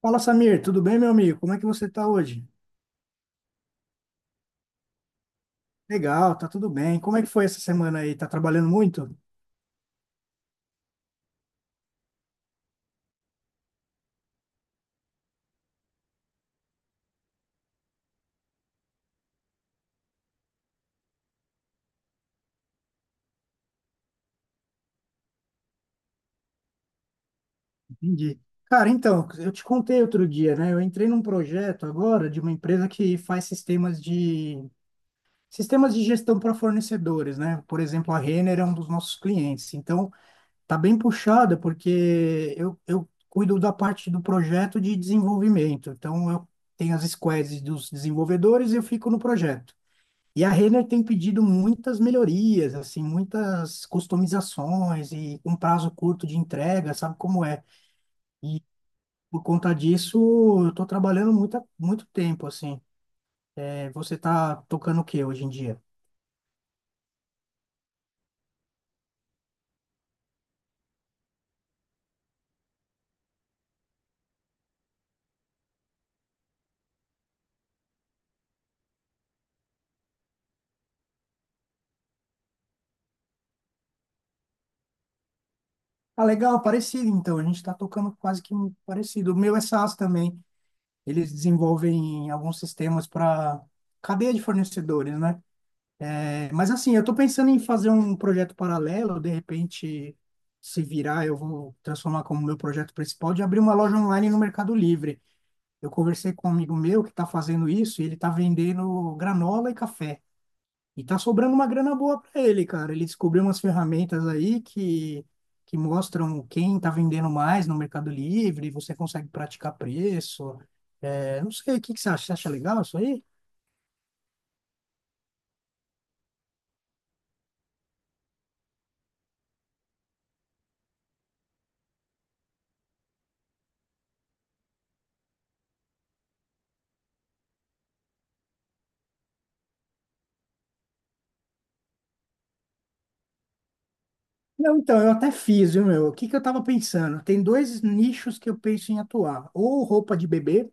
Fala, Samir, tudo bem, meu amigo? Como é que você tá hoje? Legal, tá tudo bem. Como é que foi essa semana aí? Tá trabalhando muito? Entendi. Cara, então, eu te contei outro dia, né? Eu entrei num projeto agora de uma empresa que faz sistemas de gestão para fornecedores, né? Por exemplo, a Renner é um dos nossos clientes. Então, tá bem puxada porque eu cuido da parte do projeto de desenvolvimento. Então, eu tenho as squads dos desenvolvedores e eu fico no projeto. E a Renner tem pedido muitas melhorias, assim, muitas customizações e um prazo curto de entrega, sabe como é? E por conta disso, eu tô trabalhando muito, muito tempo, assim. É, você tá tocando o que hoje em dia? Ah, legal, parecido, então. A gente tá tocando quase que parecido. O meu é SaaS também. Eles desenvolvem alguns sistemas para cadeia de fornecedores, né? É, mas assim, eu estou pensando em fazer um projeto paralelo, de repente, se virar, eu vou transformar como meu projeto principal de abrir uma loja online no Mercado Livre. Eu conversei com um amigo meu que está fazendo isso e ele está vendendo granola e café. E tá sobrando uma grana boa para ele, cara. Ele descobriu umas ferramentas aí que mostram quem está vendendo mais no Mercado Livre, você consegue praticar preço. É, não sei, o que que você acha? Você acha legal isso aí? Não, então, eu até fiz, viu, meu? O que que eu tava pensando? Tem dois nichos que eu penso em atuar, ou roupa de bebê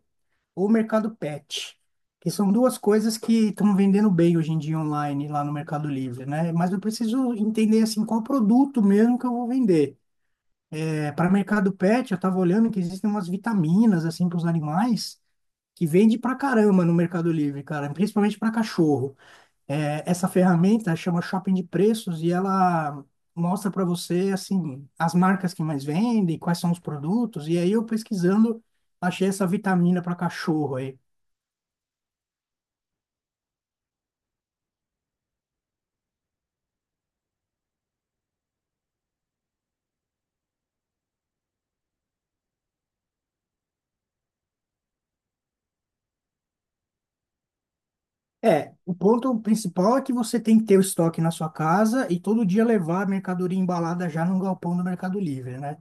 ou mercado pet, que são duas coisas que estão vendendo bem hoje em dia online lá no Mercado Livre, né? Mas eu preciso entender, assim, qual produto mesmo que eu vou vender. É, para mercado pet, eu tava olhando que existem umas vitaminas, assim, para os animais, que vende pra caramba no Mercado Livre, cara, principalmente para cachorro. É, essa ferramenta chama Shopping de Preços e ela mostra para você assim as marcas que mais vendem, quais são os produtos. E aí eu pesquisando achei essa vitamina para cachorro aí. É, o ponto principal é que você tem que ter o estoque na sua casa e todo dia levar a mercadoria embalada já no galpão do Mercado Livre, né?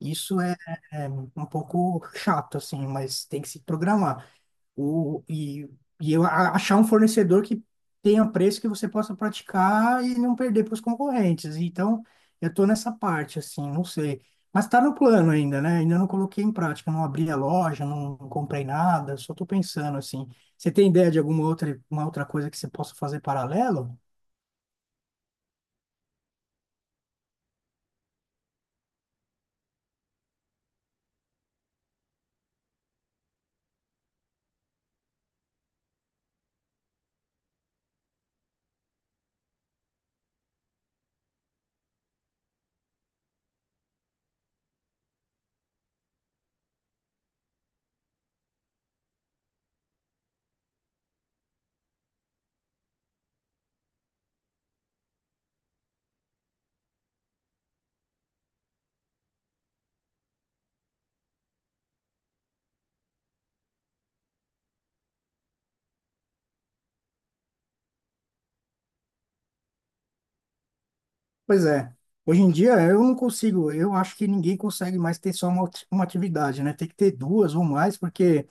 Isso é, é um pouco chato assim, mas tem que se programar. O, e, e eu achar um fornecedor que tenha preço que você possa praticar e não perder para os concorrentes. Então, eu estou nessa parte, assim, não sei. Mas está no plano ainda, né? Ainda não coloquei em prática, não abri a loja, não comprei nada, só estou pensando, assim. Você tem ideia de alguma outra, uma outra coisa que você possa fazer paralelo? Pois é. Hoje em dia eu não consigo, eu acho que ninguém consegue mais ter só uma atividade, né? Tem que ter duas ou mais, porque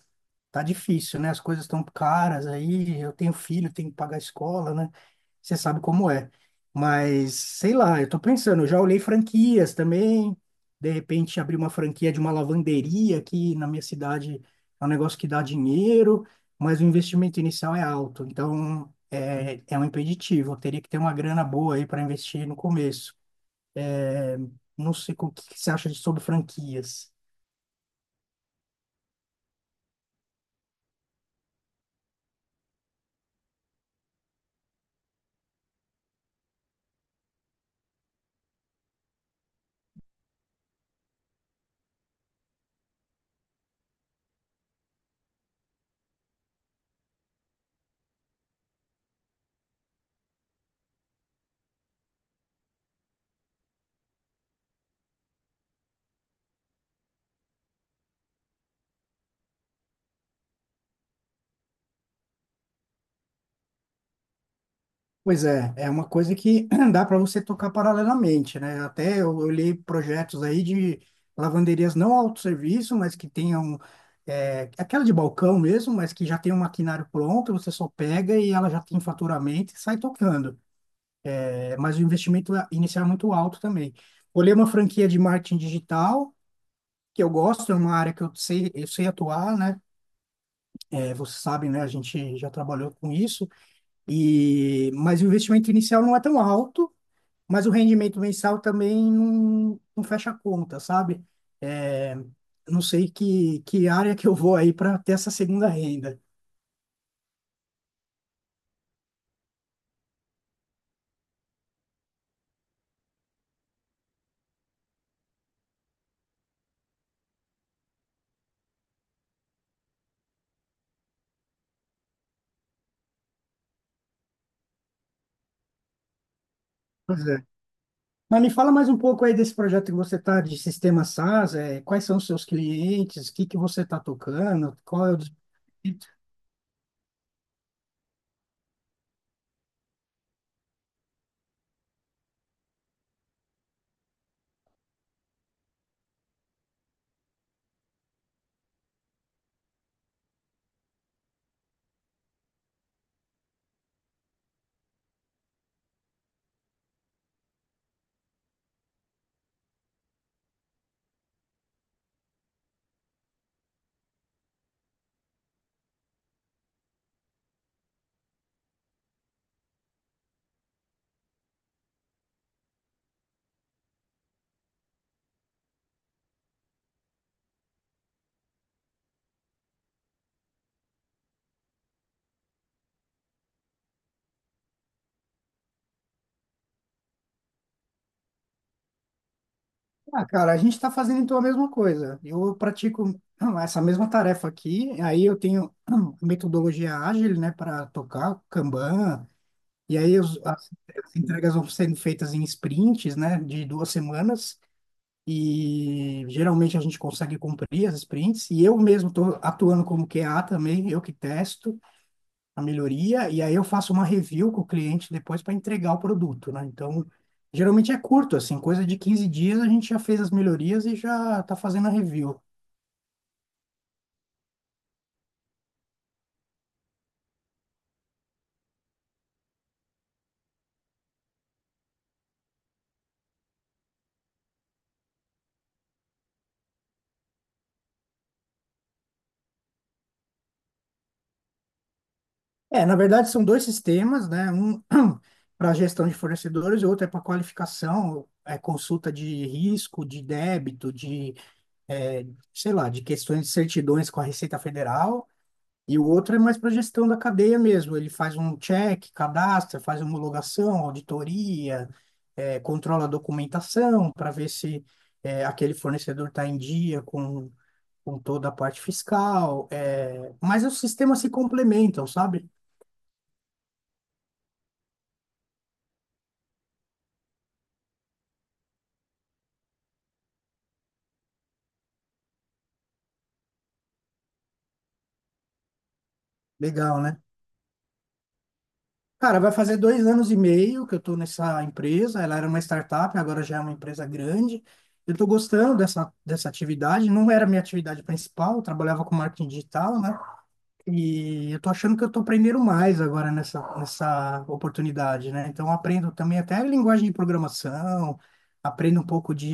tá difícil, né? As coisas estão caras aí. Eu tenho filho, tenho que pagar a escola, né? Você sabe como é. Mas, sei lá, eu tô pensando, eu já olhei franquias também. De repente, abrir uma franquia de uma lavanderia aqui na minha cidade é um negócio que dá dinheiro, mas o investimento inicial é alto. Então, é um impeditivo. Eu teria que ter uma grana boa aí para investir no começo. Não sei o que que você acha sobre franquias. Pois é, é uma coisa que dá para você tocar paralelamente, né? Até eu olhei projetos aí de lavanderias não autosserviço, mas que tenham aquela de balcão mesmo, mas que já tem um maquinário pronto, você só pega e ela já tem faturamento e sai tocando. É, mas o inicial é muito alto também. Olhei uma franquia de marketing digital, que eu gosto, é uma área que eu sei atuar, né? É, vocês sabem, né? A gente já trabalhou com isso, e mas o investimento inicial não é tão alto, mas o rendimento mensal também não fecha a conta, sabe? É, não sei que área que eu vou aí para ter essa segunda renda. Pois é. Mas me fala mais um pouco aí desse projeto que você está de sistema SaaS, é, quais são os seus clientes, o que que você está tocando, qual é o... Ah, cara, a gente está fazendo então a mesma coisa. Eu pratico essa mesma tarefa aqui, aí eu tenho metodologia ágil, né, para tocar Kanban, e aí as entregas vão sendo feitas em sprints, né, de 2 semanas, e geralmente a gente consegue cumprir as sprints, e eu mesmo estou atuando como QA também, eu que testo a melhoria, e aí eu faço uma review com o cliente depois para entregar o produto, né? Então, geralmente é curto, assim, coisa de 15 dias a gente já fez as melhorias e já está fazendo a review. É, na verdade são dois sistemas, né? Um para gestão de fornecedores e outro é para qualificação, é consulta de risco, de débito, de, é, sei lá, de questões de certidões com a Receita Federal. E o outro é mais para gestão da cadeia mesmo. Ele faz um check, cadastra, faz homologação, auditoria, é, controla a documentação para ver se é, aquele fornecedor está em dia com toda a parte fiscal. É, mas os sistemas se complementam, sabe? Legal, né? Cara, vai fazer 2 anos e meio que eu estou nessa empresa. Ela era uma startup, agora já é uma empresa grande. Eu estou gostando dessa atividade. Não era minha atividade principal, eu trabalhava com marketing digital, né? E eu estou achando que eu estou aprendendo mais agora nessa oportunidade, né? Então, eu aprendo também até linguagem de programação, aprendo um pouco de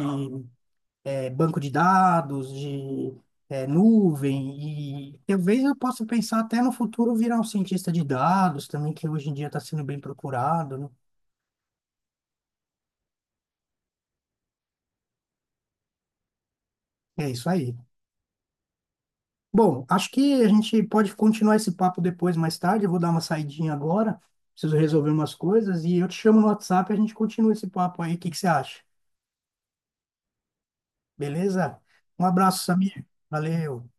é, banco de dados, de é, nuvem, e talvez eu possa pensar até no futuro virar um cientista de dados também, que hoje em dia está sendo bem procurado, né? É isso aí. Bom, acho que a gente pode continuar esse papo depois, mais tarde. Eu vou dar uma saidinha agora, preciso resolver umas coisas, e eu te chamo no WhatsApp e a gente continua esse papo aí. O que que você acha? Beleza? Um abraço, Samir. Valeu.